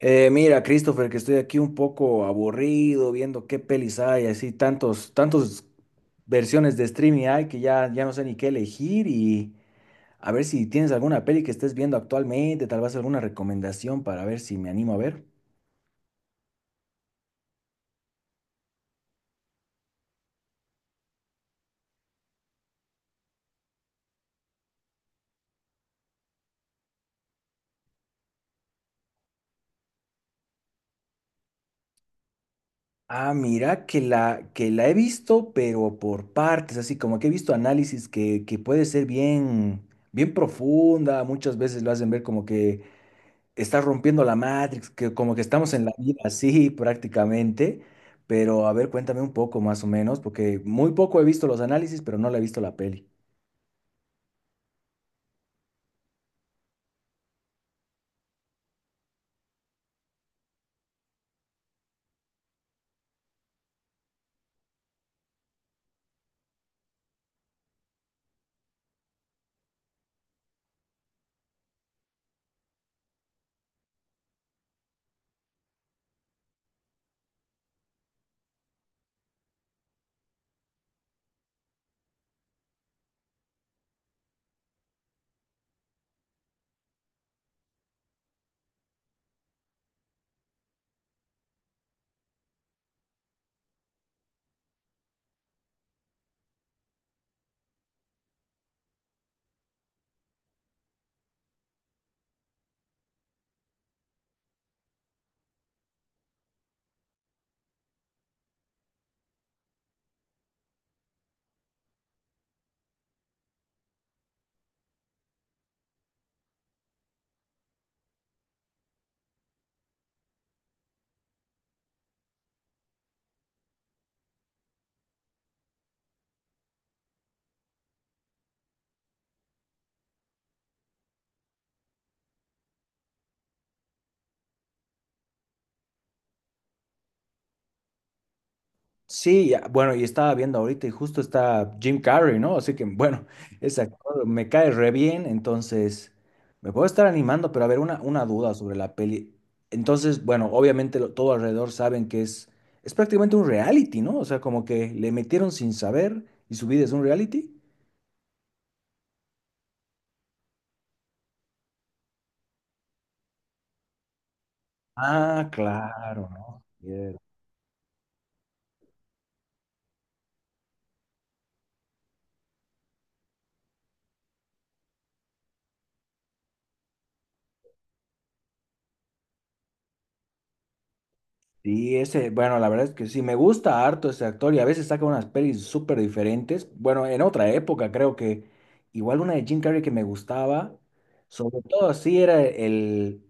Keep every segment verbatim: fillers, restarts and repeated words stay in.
Eh, mira, Christopher, que estoy aquí un poco aburrido viendo qué pelis hay, así tantos, tantos versiones de streaming hay que ya, ya no sé ni qué elegir y a ver si tienes alguna peli que estés viendo actualmente, tal vez alguna recomendación para ver si me animo a ver. Ah, mira, que la, que la he visto, pero por partes, así como que he visto análisis que, que puede ser bien, bien profunda, muchas veces lo hacen ver como que está rompiendo la Matrix, que como que estamos en la vida así prácticamente, pero a ver, cuéntame un poco más o menos, porque muy poco he visto los análisis, pero no la he visto la peli. Sí, ya- bueno, y estaba viendo ahorita y justo está Jim Carrey, ¿no? Así que bueno, ese actor me cae re bien, entonces me puedo estar animando, pero a ver, una, una duda sobre la peli. Entonces, bueno, obviamente lo- todo alrededor saben que es, es prácticamente un reality, ¿no? O sea, como que le metieron sin saber y su vida es un reality. Ah, claro, ¿no? Cierto. Sí, ese, bueno, la verdad es que sí, me gusta harto ese actor y a veces saca unas pelis súper diferentes. Bueno, en otra época creo que igual una de Jim Carrey que me gustaba, sobre todo así era el,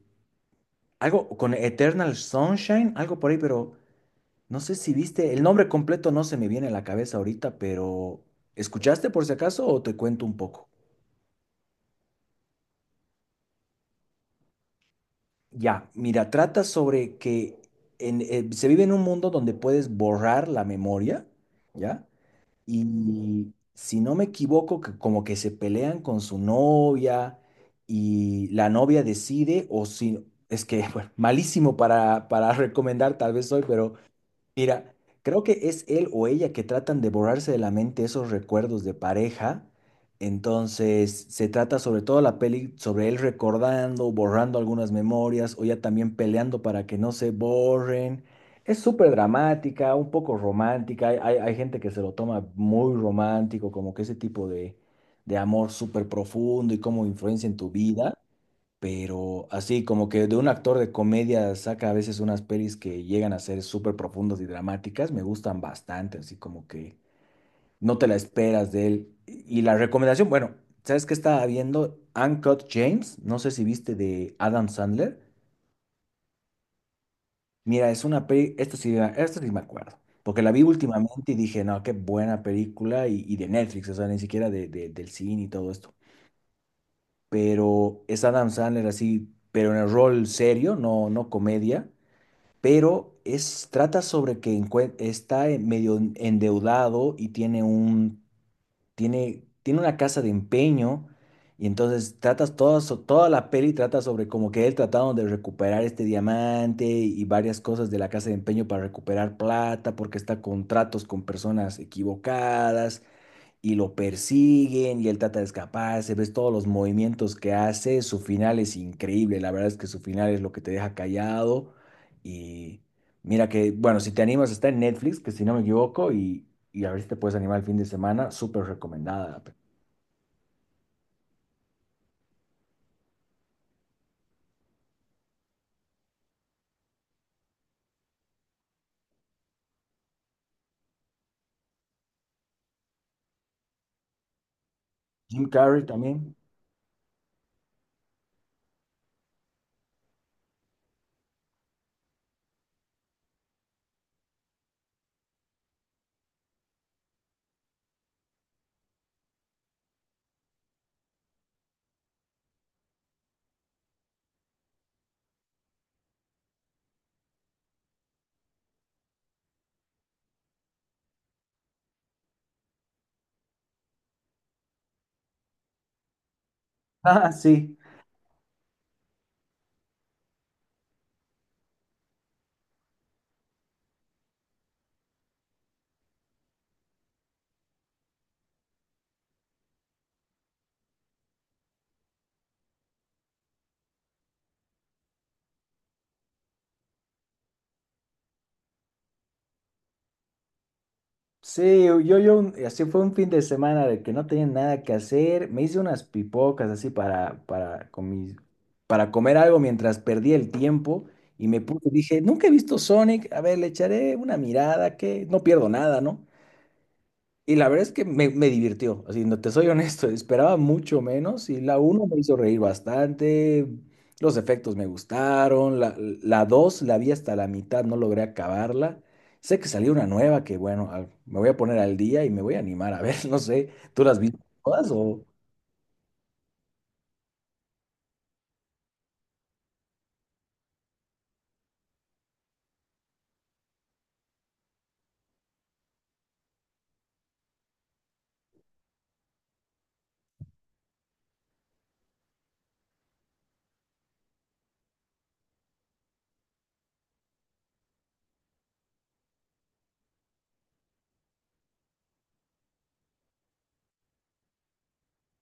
algo con Eternal Sunshine, algo por ahí, pero no sé si viste, el nombre completo no se me viene a la cabeza ahorita, pero ¿escuchaste por si acaso o te cuento un poco? Ya, mira, trata sobre que en- eh, se vive en un mundo donde puedes borrar la memoria, ¿ya? Y si no me equivoco, que como que se pelean con su novia y la novia decide, o si, es que, bueno, malísimo para, para recomendar tal vez hoy, pero mira, creo que es él o ella que tratan de borrarse de la mente esos recuerdos de pareja. Entonces, se trata sobre todo la peli sobre él recordando, borrando algunas memorias o ya también peleando para que no se borren. Es súper dramática, un poco romántica. Hay, hay- hay gente que se lo toma muy romántico, como que ese tipo de, de amor súper profundo y cómo influencia en tu vida. Pero así, como que de un actor de comedia saca a veces unas pelis que llegan a ser súper profundas y dramáticas, me gustan bastante, así como que no te la esperas de él. Y la recomendación, bueno, ¿sabes qué estaba viendo? Uncut James, no sé si viste de Adam Sandler. Mira, es una peli, esto sí, esto sí me acuerdo, porque la vi últimamente y dije, no, qué buena película, y, y de Netflix, o sea, ni siquiera de, de- del cine y todo esto. Pero es Adam Sandler así, pero en el rol serio, no, no comedia, pero es, trata sobre que encue- está en- medio en- endeudado y tiene un, tiene, tiene una casa de empeño y entonces tratas toda, so- toda la peli trata sobre como que él tratando de recuperar este diamante y varias cosas de la casa de empeño para recuperar plata porque está con tratos con personas equivocadas y lo persiguen y él trata de escaparse, ves todos los movimientos que hace, su final es increíble, la verdad es que su final es lo que te deja callado y mira que, bueno, si te animas está en Netflix, que si no me equivoco, y, y a ver si te puedes animar el fin de semana, súper recomendada. la pe- Jim Carrey también. Ah, sí. Sí, yo, yo, un- así fue un fin de semana de que no tenía nada que hacer. Me hice unas pipocas así para, para, con mis- para comer algo mientras perdía el tiempo y me puse, dije, nunca he visto Sonic, a ver, le echaré una mirada que no pierdo nada, ¿no? Y la verdad es que me, me divirtió, así, no te soy honesto, esperaba mucho menos y la uno me hizo reír bastante, los efectos me gustaron, la, la dos la vi hasta la mitad, no logré acabarla. Sé que salió una nueva que, bueno, al- me voy a poner al día y me voy a animar a ver, no sé, ¿tú las viste todas o...?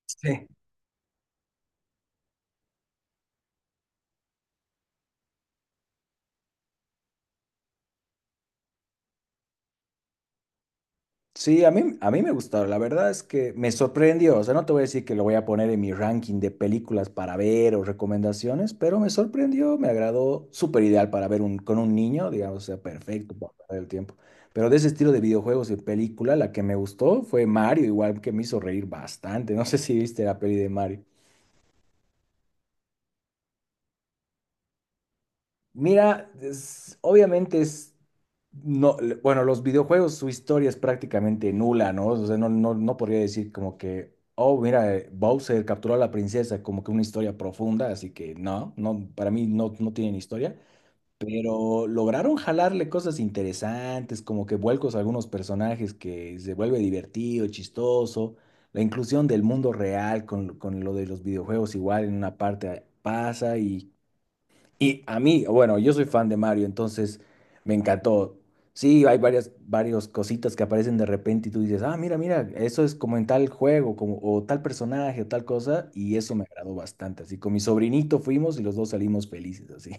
Sí. Sí, a mí, a mí me gustó, la verdad es que me sorprendió, o sea, no te voy a decir que lo voy a poner en mi ranking de películas para ver o recomendaciones, pero me sorprendió, me agradó, súper ideal para ver un, con un niño, digamos, o sea, perfecto para perder el tiempo. Pero de ese estilo de videojuegos y película, la que me gustó fue Mario, igual que me hizo reír bastante, no sé si viste la peli de Mario. Mira, es- obviamente es, no, le- bueno, los videojuegos, su historia es prácticamente nula, ¿no? O sea, no, no, no podría decir como que, oh, mira, eh, Bowser capturó a la princesa, como que una historia profunda, así que no, no, para mí no, no tienen historia, pero lograron jalarle cosas interesantes, como que vuelcos a algunos personajes que se vuelve divertido, chistoso, la inclusión del mundo real con, con lo de los videojuegos igual en una parte pasa y a mí, bueno, yo soy fan de Mario, entonces me encantó. Sí, hay varias, varias cositas que aparecen de repente y tú dices, ah, mira, mira, eso es como en tal juego, como, o tal personaje, o tal cosa, y eso me agradó bastante. Así, con mi sobrinito fuimos y los dos salimos felices, así.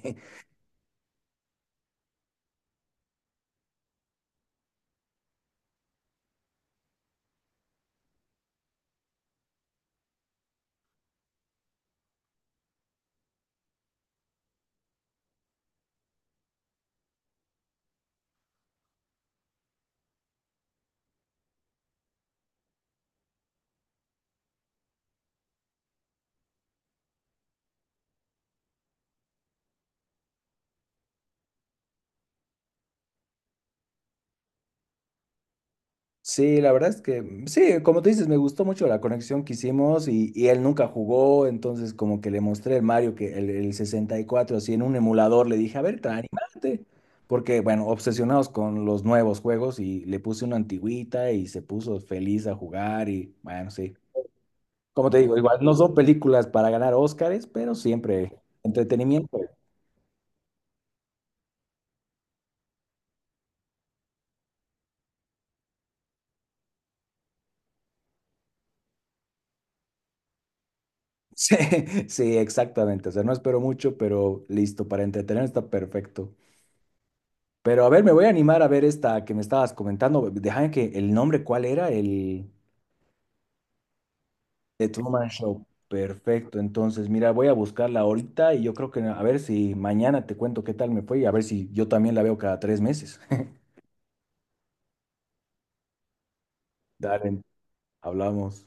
Sí, la verdad es que mm, sí, como tú dices, me gustó mucho la conexión que hicimos y, y él nunca jugó, entonces como que le mostré el Mario que el, el sesenta y cuatro, así en un emulador, le dije, a ver, tra- anímate, porque bueno, obsesionados con los nuevos juegos y le puse una antigüita y se puso feliz a jugar y bueno, sí. Como te digo, igual no son películas para ganar Óscares, pero siempre entretenimiento. Sí, sí, exactamente. O sea, no espero mucho, pero listo, para entretener está perfecto. Pero a ver, me voy a animar a ver esta que me estabas comentando. Déjame que el nombre, ¿cuál era? El The Truman Show. Perfecto. Entonces, mira, voy a buscarla ahorita y yo creo que a ver si mañana te cuento qué tal me fue y a ver si yo también la veo cada tres meses. Dale, hablamos.